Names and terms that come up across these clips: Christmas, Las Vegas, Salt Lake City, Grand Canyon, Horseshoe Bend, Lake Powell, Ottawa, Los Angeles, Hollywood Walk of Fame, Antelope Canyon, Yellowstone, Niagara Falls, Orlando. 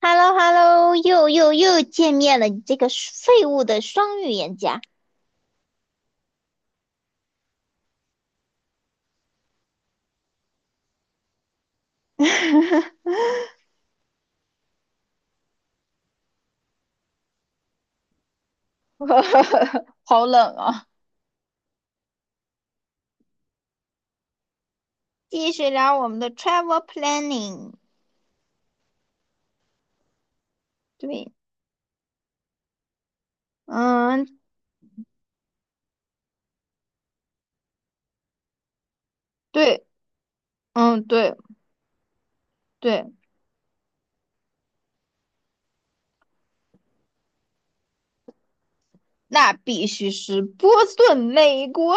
h e l l o h e l l o 又又又见面了，你这个废物的双语言家。好冷啊！继续聊我们的 travel planning。对。嗯。对。嗯。对。对，那必须是波士顿。美国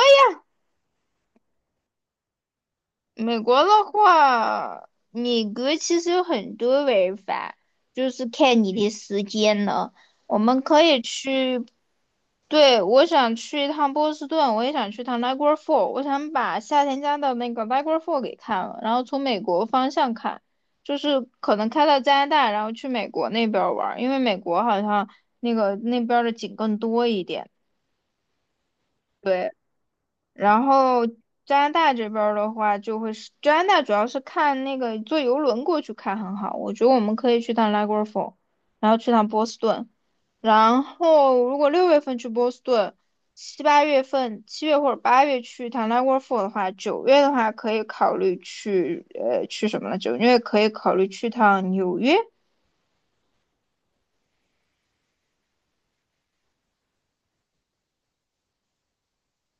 美国的话，米格其实有很多玩法，就是看你的时间了。我们可以去，对，我想去一趟波士顿。我也想去趟 Niagara Falls，我想把夏天家的那个 Niagara Falls 给看了，然后从美国方向看，就是可能开到加拿大，然后去美国那边玩儿，因为美国好像那个那边儿的景更多一点。对。然后加拿大这边儿的话，就会是加拿大主要是看那个坐游轮过去看很好。我觉得我们可以去趟拉格佛，然后去趟波士顿。然后如果六月份去波士顿，七八月份7月或者八月去趟拉格佛的话，九月的话可以考虑去什么呢？九月可以考虑去趟纽约。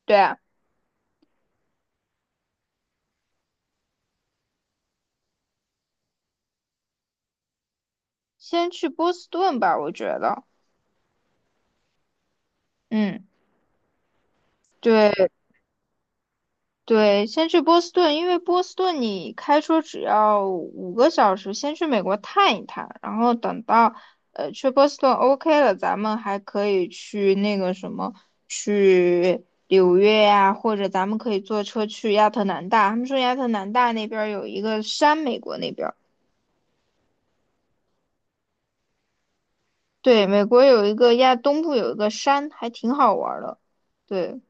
对啊，先去波士顿吧，我觉得。嗯，对。对，先去波斯顿，因为波斯顿你开车只要5个小时，先去美国探一探，然后等到去波斯顿 OK 了，咱们还可以去那个什么，去纽约呀、或者咱们可以坐车去亚特兰大。他们说亚特兰大那边儿有一个山，美国那边儿，对。美国有一个亚东部有一个山，还挺好玩儿的。对，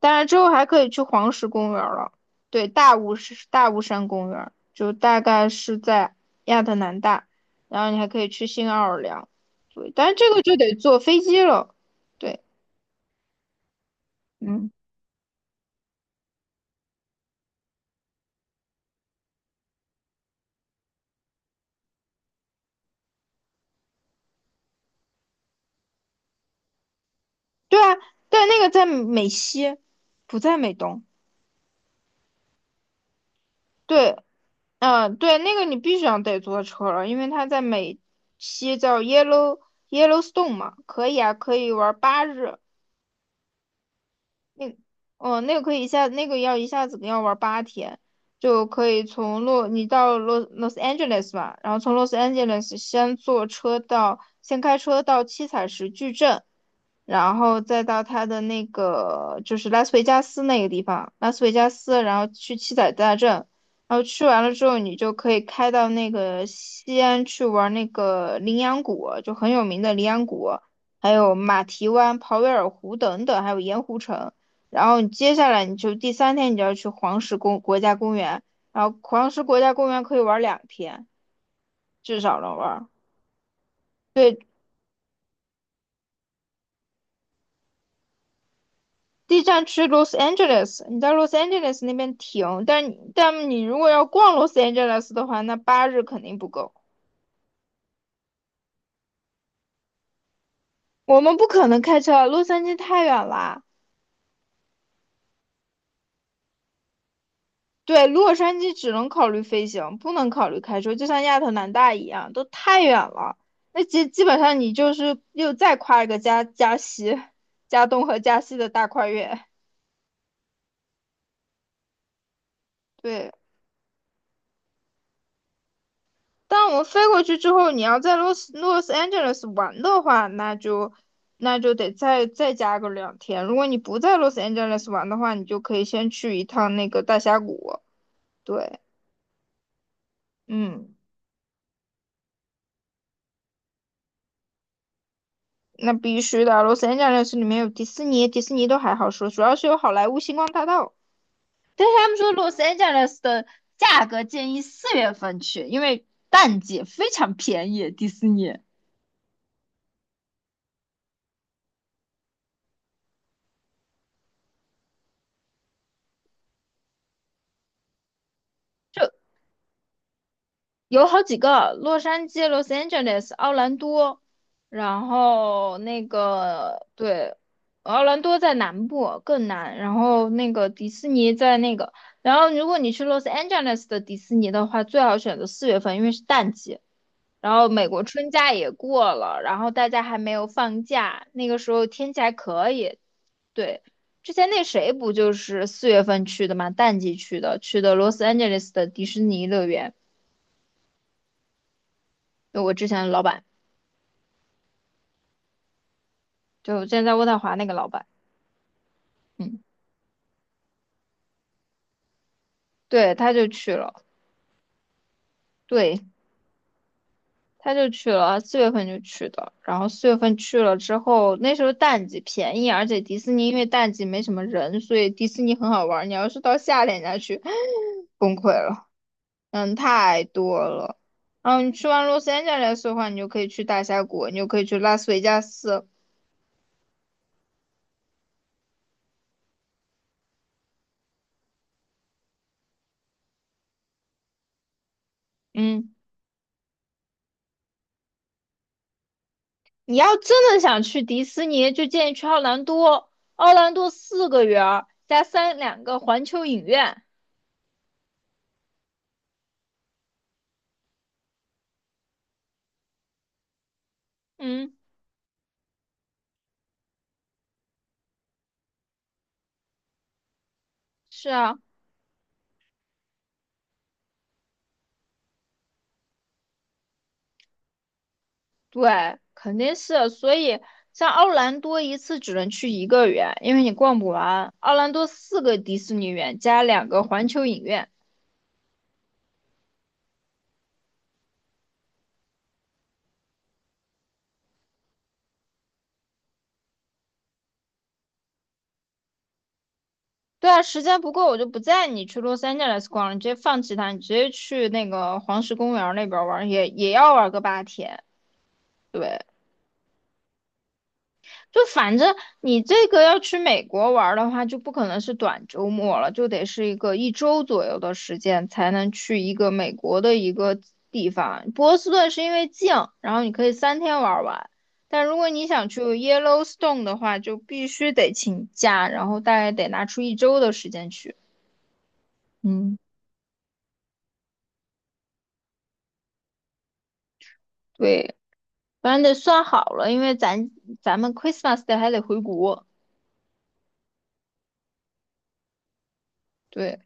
当然之后还可以去黄石公园了。对，大雾是大雾山公园，就大概是在亚特兰大。然后你还可以去新奥尔良。对，但是这个就得坐飞机了。对。嗯。对啊，但那个在美西，不在美东。对。嗯，对，那个你必须要得坐车了，因为它在美西叫 Yellowstone 嘛，可以啊，可以玩八日。那，哦，那个可以一下，那个要一下子要玩八天，就可以你到Los Angeles 吧。然后从 Los Angeles 先开车到七彩石矩阵，然后再到它的那个就是拉斯维加斯那个地方，拉斯维加斯，然后去七彩大镇。然后去完了之后，你就可以开到那个西安去玩那个羚羊谷，就很有名的羚羊谷，还有马蹄湾、鲍威尔湖等等，还有盐湖城。然后你接下来你就第3天你就要去黄石国家公园，然后黄石国家公园可以玩两天，至少能玩。对，第一站去 Los Angeles，你在 Los Angeles 那边停，但你如果要逛 Los Angeles 的话，那8日肯定不够。我们不可能开车啊，洛杉矶太远啦。对，洛杉矶只能考虑飞行，不能考虑开车，就像亚特兰大一样，都太远了。那基本上你就是又再跨一个加东和加西的大跨越。对，但我们飞过去之后，你要在洛斯 Angeles 玩的话，那就得再加个两天。如果你不在洛斯 Angeles 玩的话，你就可以先去一趟那个大峡谷。对。嗯。那必须的，洛杉矶里面有迪士尼，迪士尼都还好说，主要是有好莱坞星光大道。但是他们说洛杉矶的价格建议四月份去，因为淡季非常便宜。迪士尼有好几个，洛杉矶、Los Angeles、奥兰多，然后那个，对。奥兰多在南部更南，然后那个迪士尼在那个，然后如果你去 Los Angeles 的迪士尼的话，最好选择四月份，因为是淡季。然后美国春假也过了，然后大家还没有放假，那个时候天气还可以。对，之前那谁不就是四月份去的嘛，淡季去的，去的 Los Angeles 的迪士尼乐园，就我之前的老板，就现之前在渥太华那个老板。嗯，对，他就去了。对，他就去了，四月份就去的。然后四月份去了之后，那时候淡季便宜，而且迪士尼因为淡季没什么人，所以迪士尼很好玩。你要是到夏天再去，崩溃了。嗯，太多了。嗯，你去完洛杉矶斯的话，你就可以去大峡谷，你就可以去拉斯维加斯。嗯，你要真的想去迪士尼，就建议去奥兰多。奥兰多四个园儿加三两个环球影院。嗯。是啊。对，肯定是。所以像奥兰多一次只能去一个园，因为你逛不完。奥兰多四个迪士尼园加两个环球影院。对啊，时间不够，我就不带你去洛杉矶来逛了，你直接放弃它，你直接去那个黄石公园儿那边儿玩儿也要玩个八天。对，就反正你这个要去美国玩儿的话，就不可能是短周末了，就得是一个一周左右的时间才能去一个美国的一个地方。波士顿是因为近，然后你可以三天玩儿完。但如果你想去 Yellowstone 的话，就必须得请假，然后大概得拿出一周的时间去。嗯，对。反正得算好了，因为咱们 Christmas d 还得回国。对。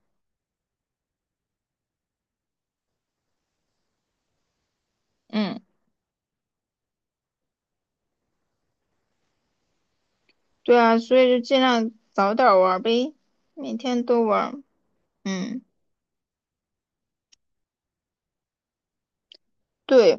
嗯。对啊，所以就尽量早点玩儿呗，每天都玩儿。嗯，对。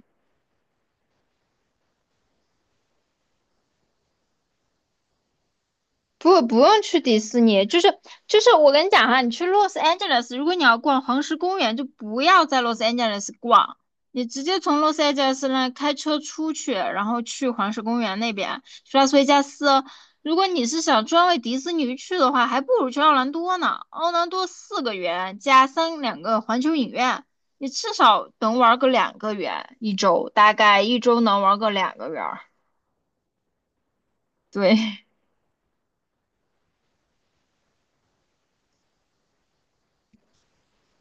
不，不用去迪士尼，就是我跟你讲哈，你去 Los Angeles，如果你要逛黄石公园，就不要在 Los Angeles 逛。你直接从 Los Angeles 那开车出去，然后去黄石公园那边，去拉斯维加斯。如果你是想专为迪士尼去的话，还不如去奥兰多呢。奥兰多四个园加三两个环球影院，你至少能玩个两个园一周，大概一周能玩个两个园儿。对。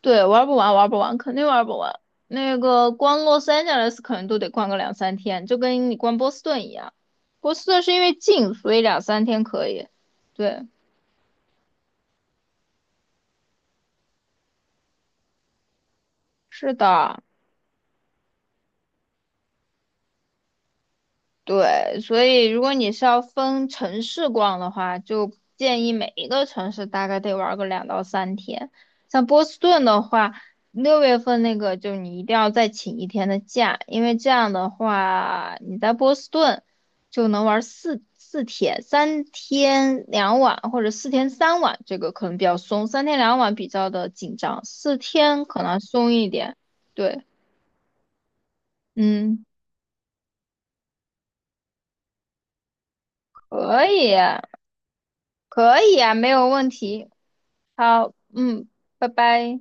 对，玩不完，玩不完，肯定玩不完。那个光洛杉矶来斯可能都得逛个两三天，就跟你逛波士顿一样。波士顿是因为近，所以两三天可以。对，是的。对，所以如果你是要分城市逛的话，就建议每一个城市大概得玩个2到3天。像波士顿的话，六月份那个就你一定要再请一天的假，因为这样的话你在波士顿就能玩四天，三天两晚或者4天3晚，这个可能比较松，三天两晚比较的紧张，四天可能松一点。对。嗯，可以。可以啊，没有问题。好。嗯，拜拜。